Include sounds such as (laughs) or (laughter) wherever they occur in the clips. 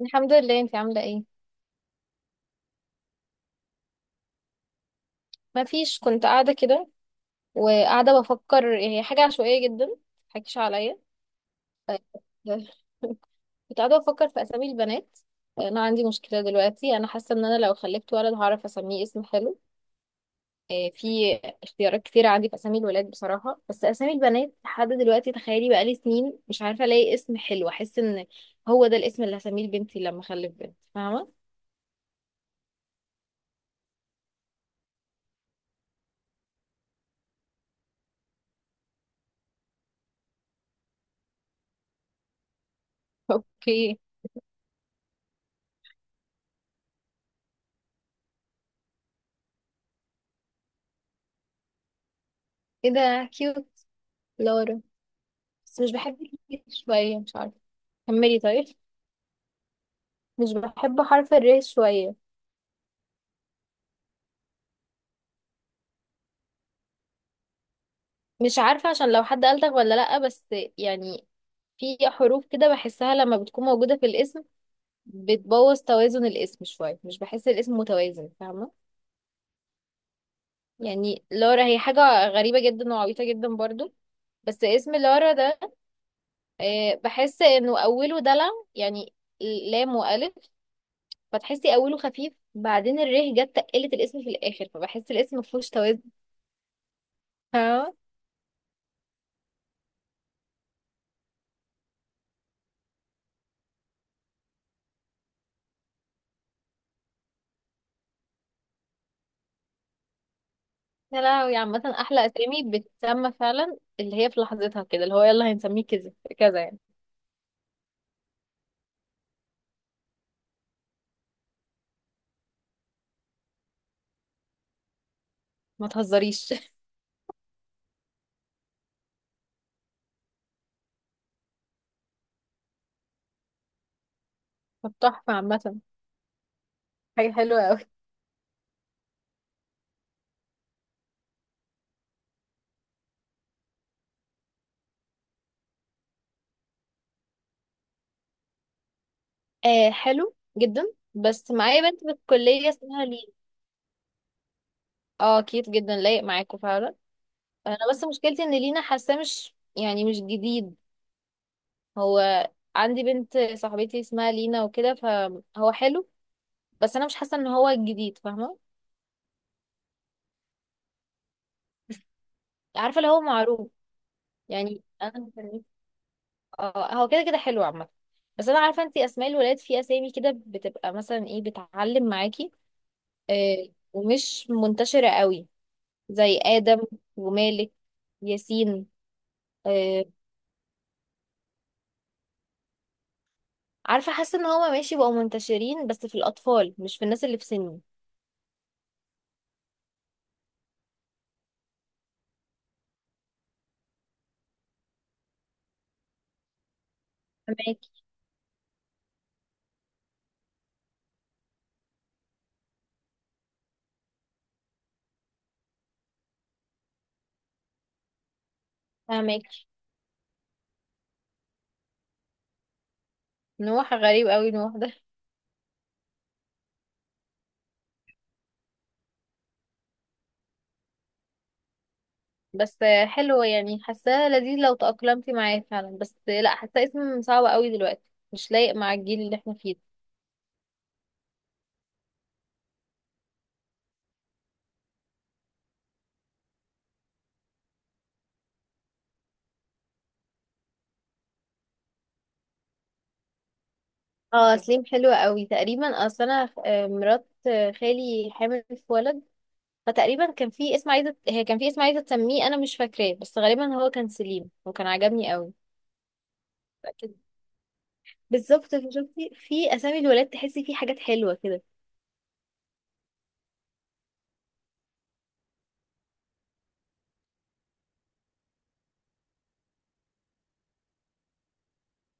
الحمد لله. انت عاملة ايه؟ ما فيش، كنت قاعدة كده وقاعدة بفكر، هي حاجة عشوائية جدا. متضحكيش عليا. (laughs) كنت قاعدة بفكر في أسامي البنات. أنا عندي مشكلة دلوقتي، أنا حاسة إن أنا لو خلفت ولد هعرف أسميه اسم حلو. في اختيارات كتير عندي في أسامي الولاد بصراحة، بس أسامي البنات لحد دلوقتي، تخيلي بقالي سنين مش عارفة ألاقي اسم حلو أحس إن هو ده الاسم اللي هسميه لبنتي لما أخلف بنت، فاهمة؟ اوكي. ايه ده كيوت. لورا؟ بس مش بحب الكيوت شوية، مش عارفة. كملي طيب. مش بحب حرف الر شوية. مش عارفة عشان لو حد قالتك ولا لأ، بس يعني في حروف كده بحسها لما بتكون موجودة في الاسم بتبوظ توازن الاسم شوية، مش بحس الاسم متوازن، فاهمة؟ يعني لورا هي حاجة غريبة جدا وعبيطة جدا برضو، بس اسم لورا ده بحس انه اوله دلع، يعني لام والف، فتحسي اوله خفيف بعدين الره جت تقلت الاسم في الاخر، فبحس الاسم مفهوش توازن. يا لهوي، عامة أحلى أسامي بتسمى فعلا اللي هي في لحظتها كده، اللي هو يلا هنسميه كذا كذا يعني. ما تهزريش. (laughs) طب تحفة عامة. حاجة حلوة أوي. آه، حلو جدا، بس معايا بنت في الكلية اسمها لينا. اه كيوت جدا، لايق معاكوا فعلا. أنا بس مشكلتي إن لينا حاساه مش يعني مش جديد. هو عندي بنت صاحبتي اسمها لينا وكده، فهو حلو، بس أنا مش حاسة إن هو جديد، فاهمة؟ عارفة اللي هو معروف يعني. أنا مستنية. اه هو كده كده حلو عامة، بس انا عارفة انتي اسماء الولاد في اسامي كده بتبقى مثلا ايه، بتعلم معاكي. آه. ومش منتشرة قوي، زي آدم ومالك، ياسين. آه عارفة، حاسة ان هما ماشي بقوا منتشرين بس في الأطفال، مش في الناس اللي في سني. فهماكي. فهماكي. نوح غريب قوي نوح ده. (laughs) بس حلو يعني حاساه لذيذ لو تأقلمتي معاه فعلا، بس لا حاساه اسم صعب قوي دلوقتي، مش لايق مع الجيل اللي احنا فيه ده. اه سليم حلو قوي. تقريبا اصل انا مرات خالي حامل في ولد، فتقريبا كان في اسم عايزه، هي كان في اسم عايزه تسميه، انا مش فاكراه، بس غالبا هو كان سليم وكان عجبني قوي. أكيد. بالظبط، فشفتي في اسامي الولاد تحسي فيه حاجات حلوه كده.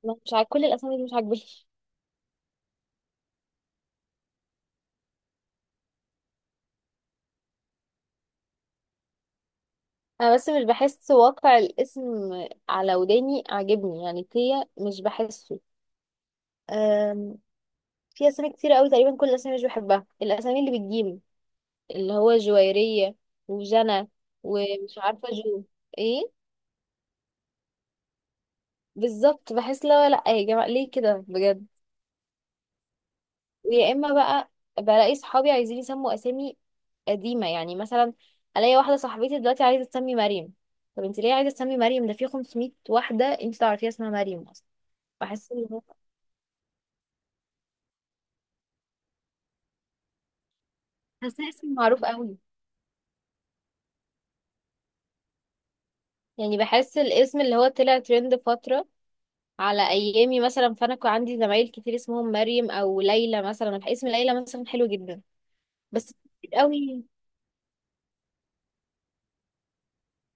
أنا مش عاجب كل الاسامي دي، مش عاجباني. انا بس مش بحس واقع الاسم على وداني عاجبني، يعني تيا مش بحسه. أم، في اسامي كتير قوي، تقريبا كل الاسامي مش بحبها. الاسامي اللي بالجيم، اللي هو جويرية وجنى ومش عارفة جو ايه، بالظبط بحس لا لا يا جماعة، ليه كده بجد؟ ويا اما بقى بلاقي صحابي عايزين يسموا اسامي قديمة، يعني مثلا الاقي واحدة صاحبتي دلوقتي عايزة تسمي مريم. طب انت ليه عايزة تسمي مريم؟ ده في 500 واحدة انت تعرفيها اسمها مريم اصلا. بحس ان هو، بحس اسم معروف قوي يعني. بحس الاسم اللي هو طلع ترند فترة على ايامي مثلا، فانا كان عندي زمايل كتير اسمهم مريم او ليلى مثلا. اسم ليلى مثلا حلو جدا، بس كتير قوي.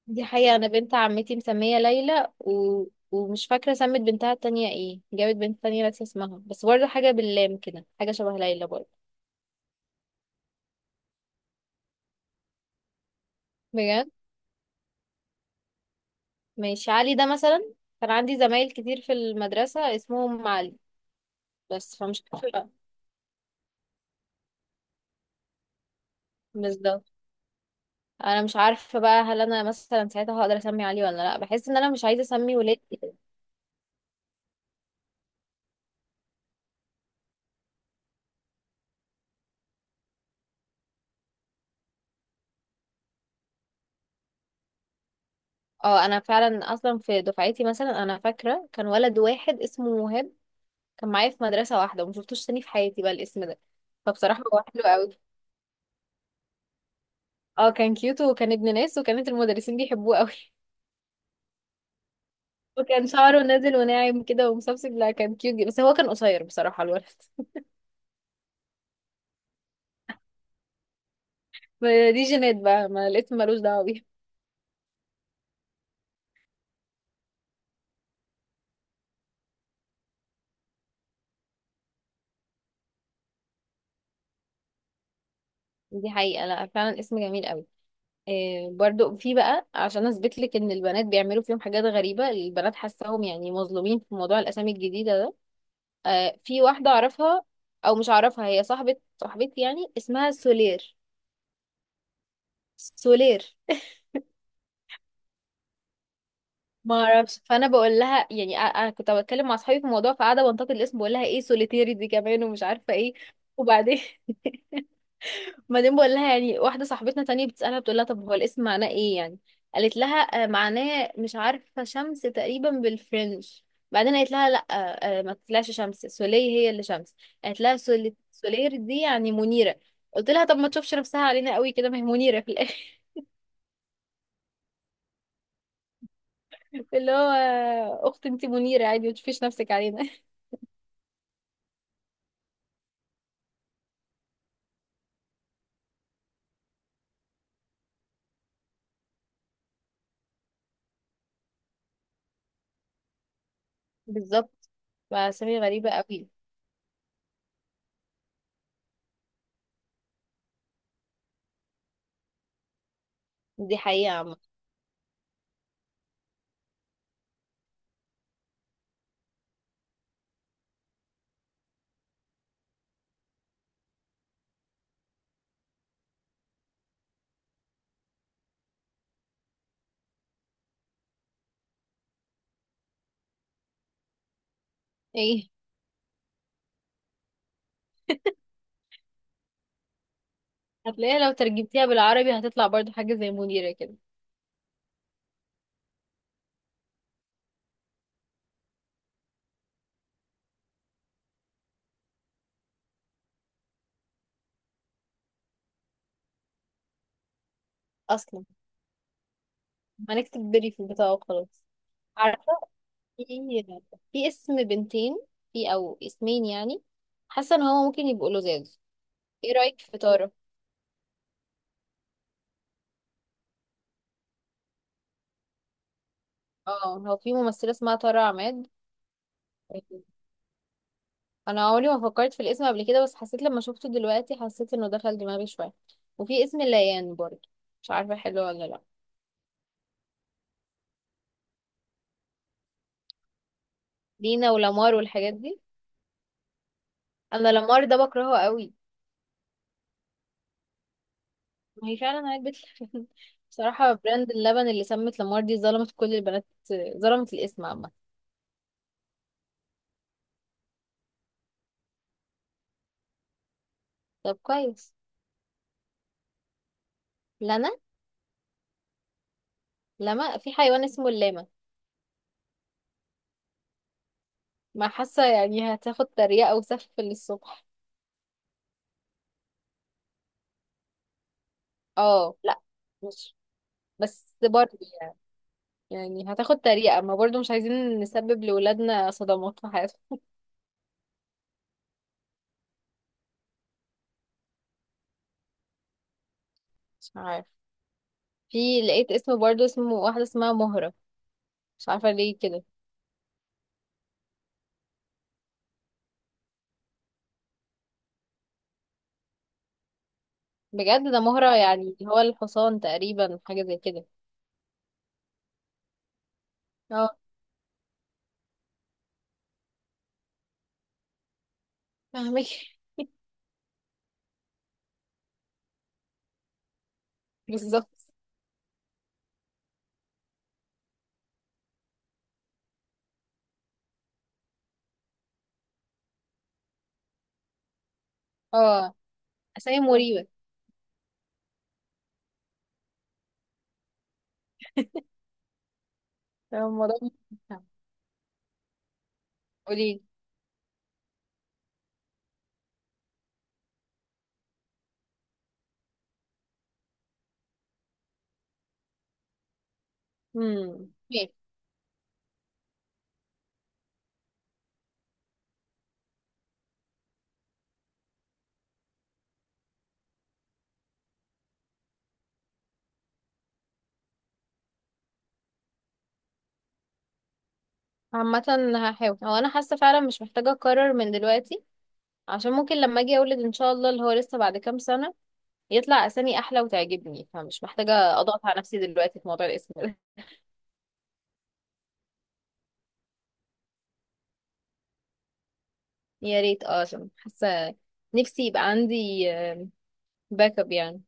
دي حقيقة. أنا بنت عمتي مسمية ليلى ومش فاكرة سمت بنتها التانية ايه، جابت بنت تانية، ناسية اسمها، بس برضه حاجة باللام كده، حاجة شبه ليلى برضه. بجد. ماشي علي ده مثلا، كان عندي زمايل كتير في المدرسة اسمهم علي، بس فمش عارفة بقى. بالظبط. أنا مش عارفة بقى، هل أنا مثلا ساعتها هقدر أسمي علي ولا لأ، بحس إن أنا مش عايزة أسمي ولادي. اه أنا فعلا، أصلا في دفعتي مثلا أنا فاكرة كان ولد واحد اسمه وهاب، كان معايا في مدرسة واحدة، وما شفتوش تاني في حياتي بقى الاسم ده. فبصراحة هو حلو (laughs) قوي. اه كان كيوت وكان ابن ناس، وكانت المدرسين بيحبوه قوي. (laughs) وكان شعره نازل وناعم كده ومسبسب، لا كان كيوت جدا، بس هو كان قصير بصراحة الولد. (laughs) ما دي جينات بقى، ما الاسم ملوش دعوة بيها. دي حقيقة. لا فعلا اسم جميل قوي. إيه برضو في بقى، عشان اثبت لك ان البنات بيعملوا فيهم حاجات غريبة، البنات حاساهم يعني مظلومين في موضوع الاسامي الجديدة ده. آه، في واحدة اعرفها، او مش اعرفها، هي صاحبة صاحبتي يعني، اسمها سولير. سولير. ما اعرفش، فانا بقول لها يعني، انا كنت بتكلم مع اصحابي في الموضوع فقاعده بنتقد الاسم، بقول لها ايه سوليتيري دي كمان ومش عارفه ايه، وبعدين (laughs) بعدين بقول لها، يعني واحده صاحبتنا تانية بتسالها، بتقول لها طب هو الاسم معناه ايه يعني، قالت لها معناه مش عارفه شمس تقريبا بالفرنش، بعدين قالت لها لا، ما تطلعش شمس، سولي هي اللي شمس. قالت لها سولير دي يعني منيره. قلت لها طب ما تشوفش نفسها علينا قوي كده، ما هي منيره في الاخر. (laughs) اللي هو اخت انت منيره عادي، ما تشوفيش نفسك علينا. بالظبط. وأسامي غريبة قوي. دي حقيقة عامة. ايه، هتلاقيها لو ترجمتيها بالعربي هتطلع برضو حاجة زي منيرة كده. أصلا هنكتب بري في البتاع وخلاص. عارفة، في في اسم بنتين، في أو اسمين يعني، حاسة إن هو ممكن يبقوا لزاز. ايه رأيك في تارة؟ اه هو في ممثلة اسمها تارة عماد. أنا عمري ما فكرت في الاسم قبل كده، بس حسيت لما شفته دلوقتي حسيت إنه دخل دماغي شوية. وفي اسم ليان برضو، مش عارفة حلو ولا لأ. لينا ولامار والحاجات دي. انا لامار ده بكرهه قوي. ما هي فعلا علبة لبن. (laughs) بصراحة براند اللبن اللي سمت لامار دي ظلمت كل البنات، ظلمت الاسم عامة. طب كويس. لنا. لما. في حيوان اسمه اللاما، ما حاسة يعني هتاخد تريقة وسف للصبح. اه لا، مش، بس برضه يعني، يعني هتاخد تريقة، ما برضه مش عايزين نسبب لولادنا صدمات في حياتهم. مش عارف. في لقيت اسم برضه، اسمه واحدة اسمها مهرة، مش عارفة ليه كده، بجد ده مهرة يعني هو الحصان تقريبا، حاجة زي كده. اه. فاهمك. (laughs) بالظبط. اه. اسامي مريبة. فاهمة الموضوع. قولي. ماشي. عامة هحاول، هو انا حاسة فعلا مش محتاجة اقرر من دلوقتي، عشان ممكن لما اجي اولد ان شاء الله اللي هو لسه بعد كام سنة، يطلع اسامي احلى وتعجبني، فمش محتاجة اضغط على نفسي دلوقتي في موضوع الاسم ده. (laughs) يا ريت، اه، عشان حاسة نفسي يبقى عندي باك اب يعني.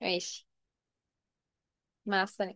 ماشي. مع السنة.